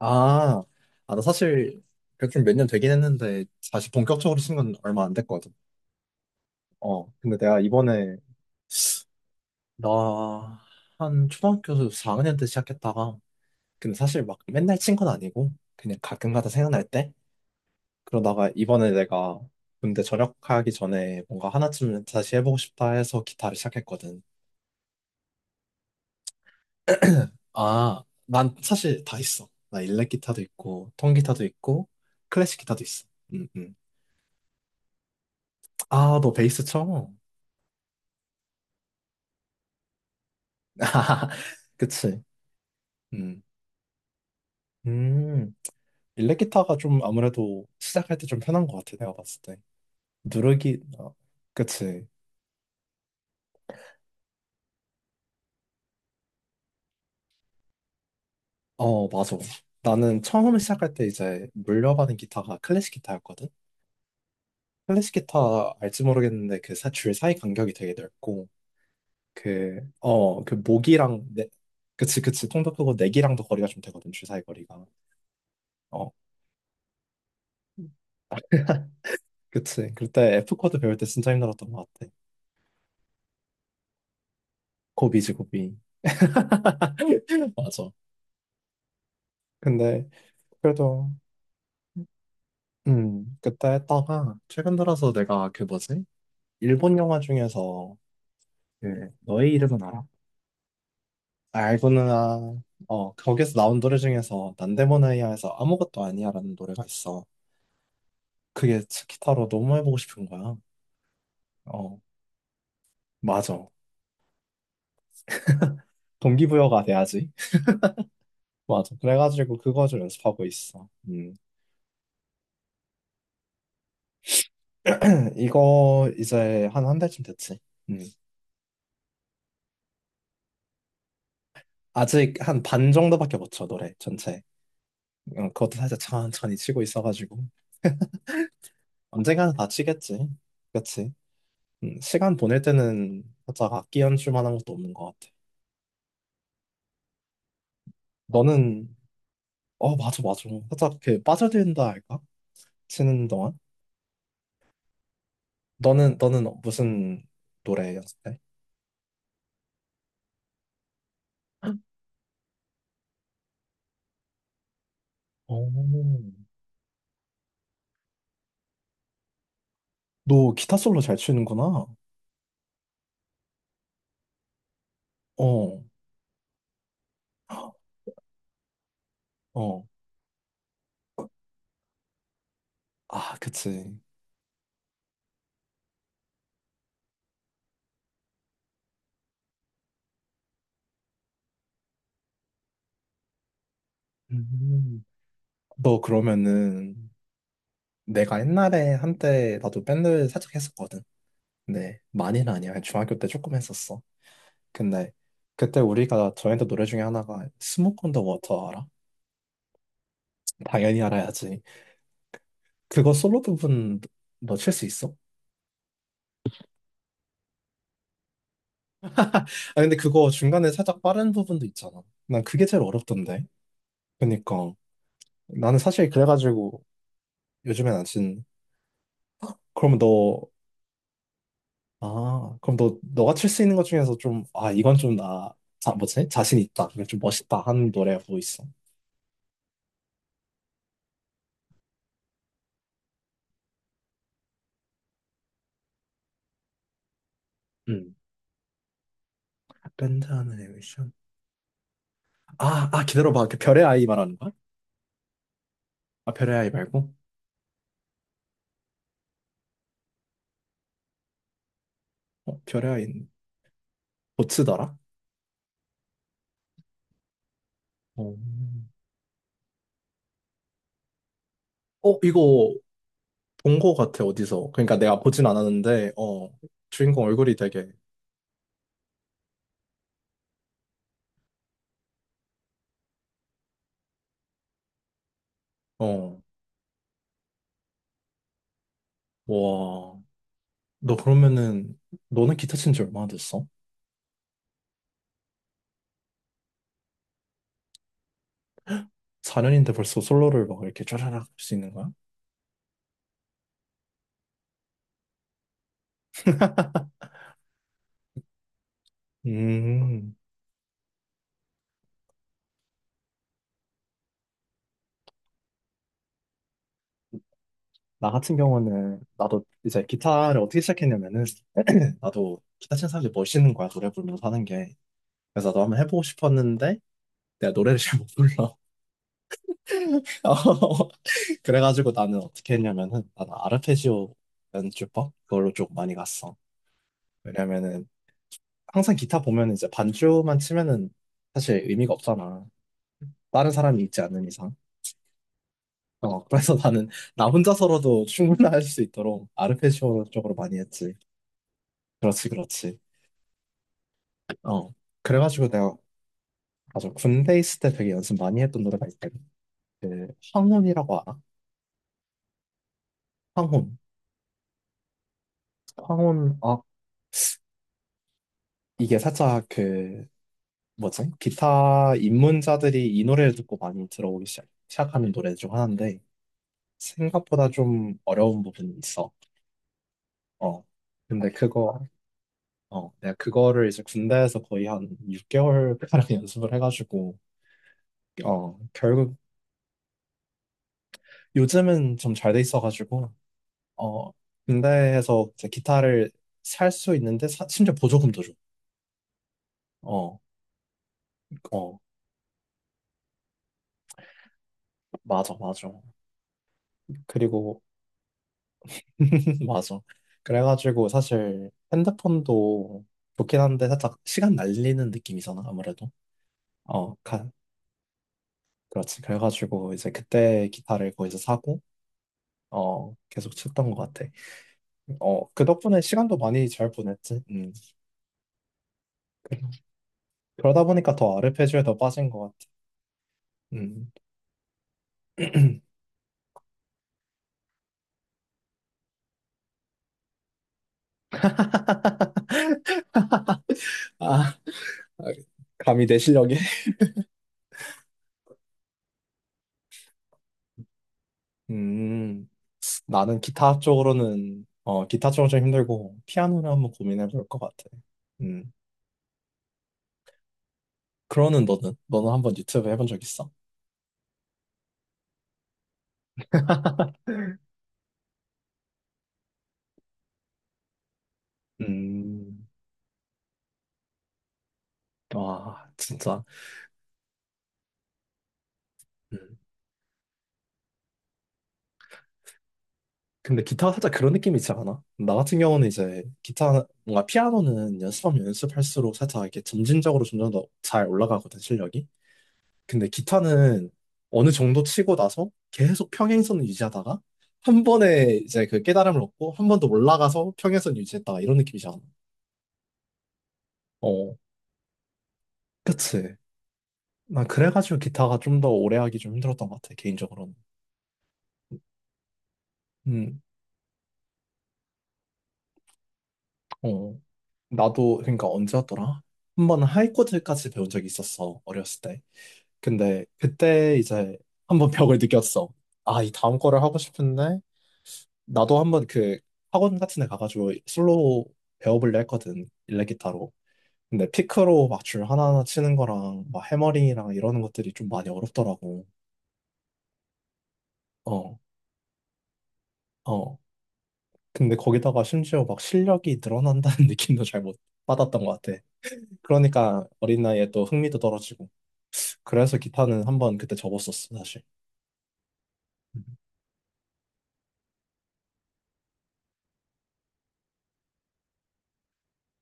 아, 아, 나 사실 백준 몇년 되긴 했는데 다시 본격적으로 쓴 건 얼마 안 됐거든. 어, 근데 내가 이번에 나 한 초등학교 4학년 때 시작했다가 근데 사실 막 맨날 친 건 아니고 그냥 가끔가다 생각날 때 그러다가 이번에 내가 군대 전역하기 전에 뭔가 하나쯤은 다시 해보고 싶다 해서 기타를 시작했거든. 아, 난 사실 다 있어. 나 일렉 기타도 있고 통기타도 있고 클래식 기타도 있어. 음, 음. 아, 너 베이스 쳐? 그치. 음. 음. 일렉 기타가 좀 아무래도 시작할 때 좀 편한 것 같아, 내가 봤을 때. 누르기, 어, 그치. 어, 맞아. 나는 처음 시작할 때 이제 물려받은 기타가 클래식 기타였거든? 클래식 기타 알지 모르겠는데 줄 사이 간격이 되게 넓고, 그, 어, 그 목이랑, 내, 그치, 그치. 통도 크고 내기랑도 거리가 좀 되거든, 줄 사이 거리가. 어, 그치. 그때 F 코드 배울 때 진짜 힘들었던 것 같아. 고비지, 고비. 맞아. 근데 그래도 그때 했다가 최근 들어서 내가 그 뭐지? 일본 영화 중에서 그 너의 이름은 알아? 알고는 아, 어 거기서 나온 노래 중에서 난데모나이아에서 아무것도 아니야라는 노래가 있어. 그게 기타로 너무 해보고 싶은 거야. 어 맞아. 동기부여가 돼야지. 맞아. 그래가지고 그거 좀 연습하고 있어. 음. 이거 이제 한 1달쯤 됐지. 음. 아직 한 반 정도밖에 못쳐 노래 전체. 어, 그것도 살짝 천천히 치고 있어가지고 언젠가는 다 치겠지. 그치? 시간 보낼 때는 살짝 악기 연출 만한 것도 없는 것 같아. 너는 어 맞아 맞아. 살짝 그 빠져든다 할까? 치는 동안? 너는 무슨 노래 연습해? 오. 너 기타 솔로 잘 치는구나. 어, 어. 아, 그치. 음. 너 그러면은 내가 옛날에 한때 나도 밴드 살짝 했었거든. 네, 많이는 아니야. 중학교 때 조금 했었어. 근데 그때 우리가 저희한테 노래 중에 하나가 스모크 온더 워터 알아? 당연히 알아야지. 그거 솔로 부분 너 칠 수 있어? 아 근데 그거 중간에 살짝 빠른 부분도 있잖아. 난 그게 제일 어렵던데. 그러니까 나는 사실 그래가지고 요즘엔 안 친. 그럼 너 아, 그럼 너 너가 칠 수 있는 것 중에서 좀 아, 이건 좀 나 자, 뭐지? 자신 있다. 이건 좀 멋있다 하는 노래가 뭐 있어? 음. 밴드 하는 애니메이션. 아, 아 기다려봐. 그 별의 아이 말하는 거야? 아, 별의 아이 말고? 어, 별의 아이. 고치더라? 어, 어, 이거 본 거 같아, 어디서. 그러니까 내가 보진 않았는데, 어, 주인공 얼굴이 되게, 어, 와. 너 그러면은, 너는 기타 친지 얼마나 됐어? 4년인데 벌써 솔로를 막 이렇게 쫘라락 할 수 있는 거야? 음, 나 같은 경우는, 나도 이제 기타를 어떻게 시작했냐면은, 나도 기타 친 사람들이 멋있는 거야, 노래 부르면서 하는 게. 그래서 나도 한번 해보고 싶었는데, 내가 노래를 잘 못 불러. 그래가지고 나는 어떻게 했냐면은 나는 아르페지오 연주법 그걸로 좀 많이 갔어. 왜냐면은 항상 기타 보면 이제 반주만 치면은 사실 의미가 없잖아. 다른 사람이 있지 않는 이상. 어, 그래서 나는 나 혼자서라도 충분히 할 수 있도록 아르페지오 쪽으로 많이 했지. 그렇지, 그렇지. 어. 그래가지고 내가 맞아 군대 있을 때 되게 연습 많이 했던 노래가 있거든. 그 황혼이라고 알아? 황혼. 황혼. 아 이게 살짝 그 뭐지? 기타 입문자들이 이 노래를 듣고 많이 들어오기 시작하는 노래 중 하나인데 생각보다 좀 어려운 부분이 있어. 어. 근데 그거 어 내가 그거를 이제 군대에서 거의 한 6개월 가량 연습을 해가지고 어 결국 요즘은 좀 잘 돼 있어가지고 어 군대에서 이제 기타를 살 수 있는데 심지어 보조금도 줘. 어, 어, 맞아, 맞아. 그리고 맞아. 그래가지고 사실 핸드폰도 좋긴 한데 살짝 시간 날리는 느낌이잖아, 아무래도. 어, 가, 그렇지. 그래가지고 이제 그때 기타를 거기서 사고, 어, 계속 쳤던 것 같아. 어, 그 덕분에 시간도 많이 잘 보냈지. 음. 그러다 보니까 더 아르페지오에 더 빠진 것 같아. 음. 아, 감히 내 실력에. 음, 나는 기타 쪽으로는, 어, 기타 쪽은 좀 힘들고, 피아노를 한번 고민해 볼 것 같아. 음. 그러는 너는 한번 유튜브 해본 적 있어? 음, 와 진짜. 음. 근데 기타가 살짝 그런 느낌이 있지 않아? 나 같은 경우는 이제 기타 뭔가 피아노는 연습하면 연습할수록 살짝 이렇게 점진적으로 점점 더 잘 올라가거든 실력이. 근데 기타는 어느 정도 치고 나서 계속 평행선을 유지하다가 한 번에 이제 그 깨달음을 얻고 한 번 더 올라가서 평행선 유지했다가 이런 느낌이잖아. 어, 그치. 난 그래가지고 기타가 좀 더 오래 하기 좀 힘들었던 것 같아 개인적으로는. 음, 어. 나도 그러니까 언제 였더라 한번 하이코드까지 배운 적이 있었어 어렸을 때. 근데 그때 이제 한번 벽을 느꼈어. 아, 이 다음 거를 하고 싶은데 나도 한번 그 학원 같은 데 가가지고 솔로 배워볼래 했거든 일렉기타로. 근데 피크로 막 줄 하나하나 치는 거랑 막 해머링이랑 이러는 것들이 좀 많이 어렵더라고. 어, 어. 근데 거기다가 심지어 막 실력이 늘어난다는 느낌도 잘 못 받았던 것 같아. 그러니까 어린 나이에 또 흥미도 떨어지고. 그래서 기타는 한 번 그때 접었었어, 사실.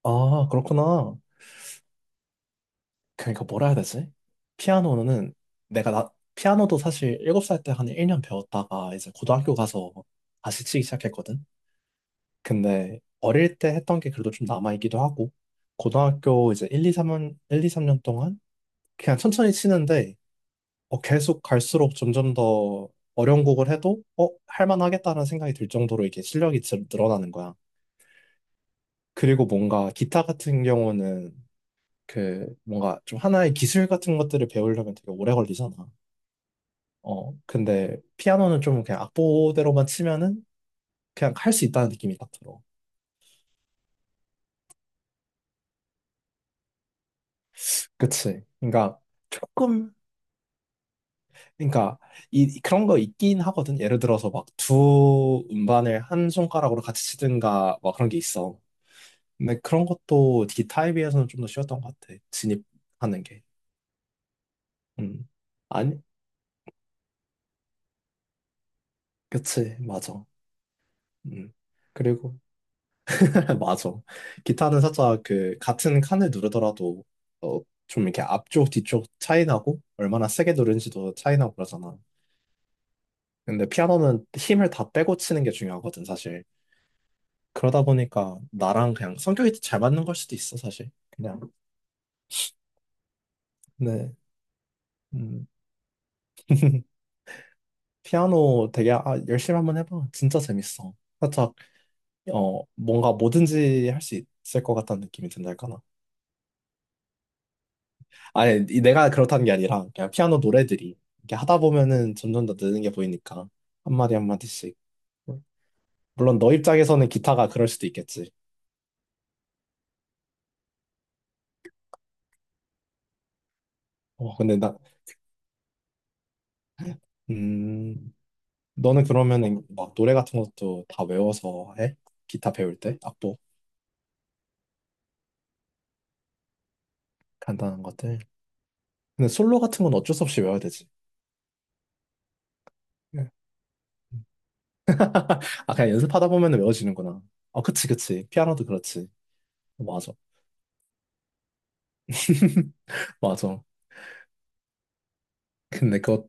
아, 그렇구나. 그러니까 뭐라 해야 되지? 피아노는 내가 나, 피아노도 사실 7살 때 한 1년 배웠다가 이제 고등학교 가서 다시 치기 시작했거든. 근데 어릴 때 했던 게 그래도 좀 남아있기도 하고, 고등학교 이제 1, 2, 3년, 일 이 삼 년 동안 그냥 천천히 치는데, 어, 계속 갈수록 점점 더 어려운 곡을 해도, 어, 할만하겠다는 생각이 들 정도로 이게 실력이 늘어나는 거야. 그리고 뭔가 기타 같은 경우는 그 뭔가 좀 하나의 기술 같은 것들을 배우려면 되게 오래 걸리잖아. 어, 근데 피아노는 좀 그냥 악보대로만 치면은 그냥 할 수 있다는 느낌이 딱 들어. 그치? 그러니까 조금 그러니까 이 그런 거 있긴 하거든. 예를 들어서 막 두 음반을 한 손가락으로 같이 치든가 막 그런 게 있어. 근데 그런 것도 기타에 비해서는 좀 더 쉬웠던 것 같아. 진입하는 게. 음. 아니, 그치, 맞아. 음. 그리고 맞아. 기타는 살짝 그 같은 칸을 누르더라도 어, 좀 이렇게 앞쪽 뒤쪽 차이 나고 얼마나 세게 누른지도 차이 나고 그러잖아. 근데 피아노는 힘을 다 빼고 치는 게 중요하거든 사실. 그러다 보니까 나랑 그냥 성격이 잘 맞는 걸 수도 있어 사실. 그냥 네. 음. 피아노 되게 아, 열심히 한번 해봐. 진짜 재밌어. 살짝 어 뭔가 뭐든지 할 수 있을 것 같다는 느낌이 든달까. 아니, 이- 내가 그렇다는 게 아니라, 그냥 피아노 노래들이, 이렇게 하다 보면은 점점 더 느는 게 보이니까, 한마디 한마디씩. 물론 너 입장에서는 기타가 그럴 수도 있겠지. 어, 근데 나, 음, 너는 그러면은 막 노래 같은 것도 다 외워서 해? 기타 배울 때? 악보? 간단한 것들? 근데 솔로 같은 건 어쩔 수 없이 외워야 되지. 네. 아, 그냥 연습하다 보면 외워지는구나. 아, 그치, 그치. 피아노도 그렇지. 맞아. 맞아. 근데 그거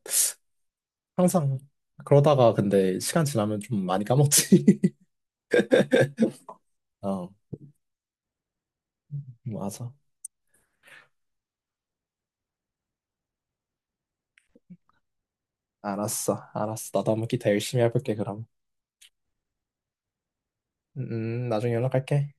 항상 그러다가 근데 시간 지나면 좀 많이 까먹지. 어, 맞아. 알았어, 알았어. 나도 한번 기타 열심히 해볼게, 그럼. 나중에 연락할게.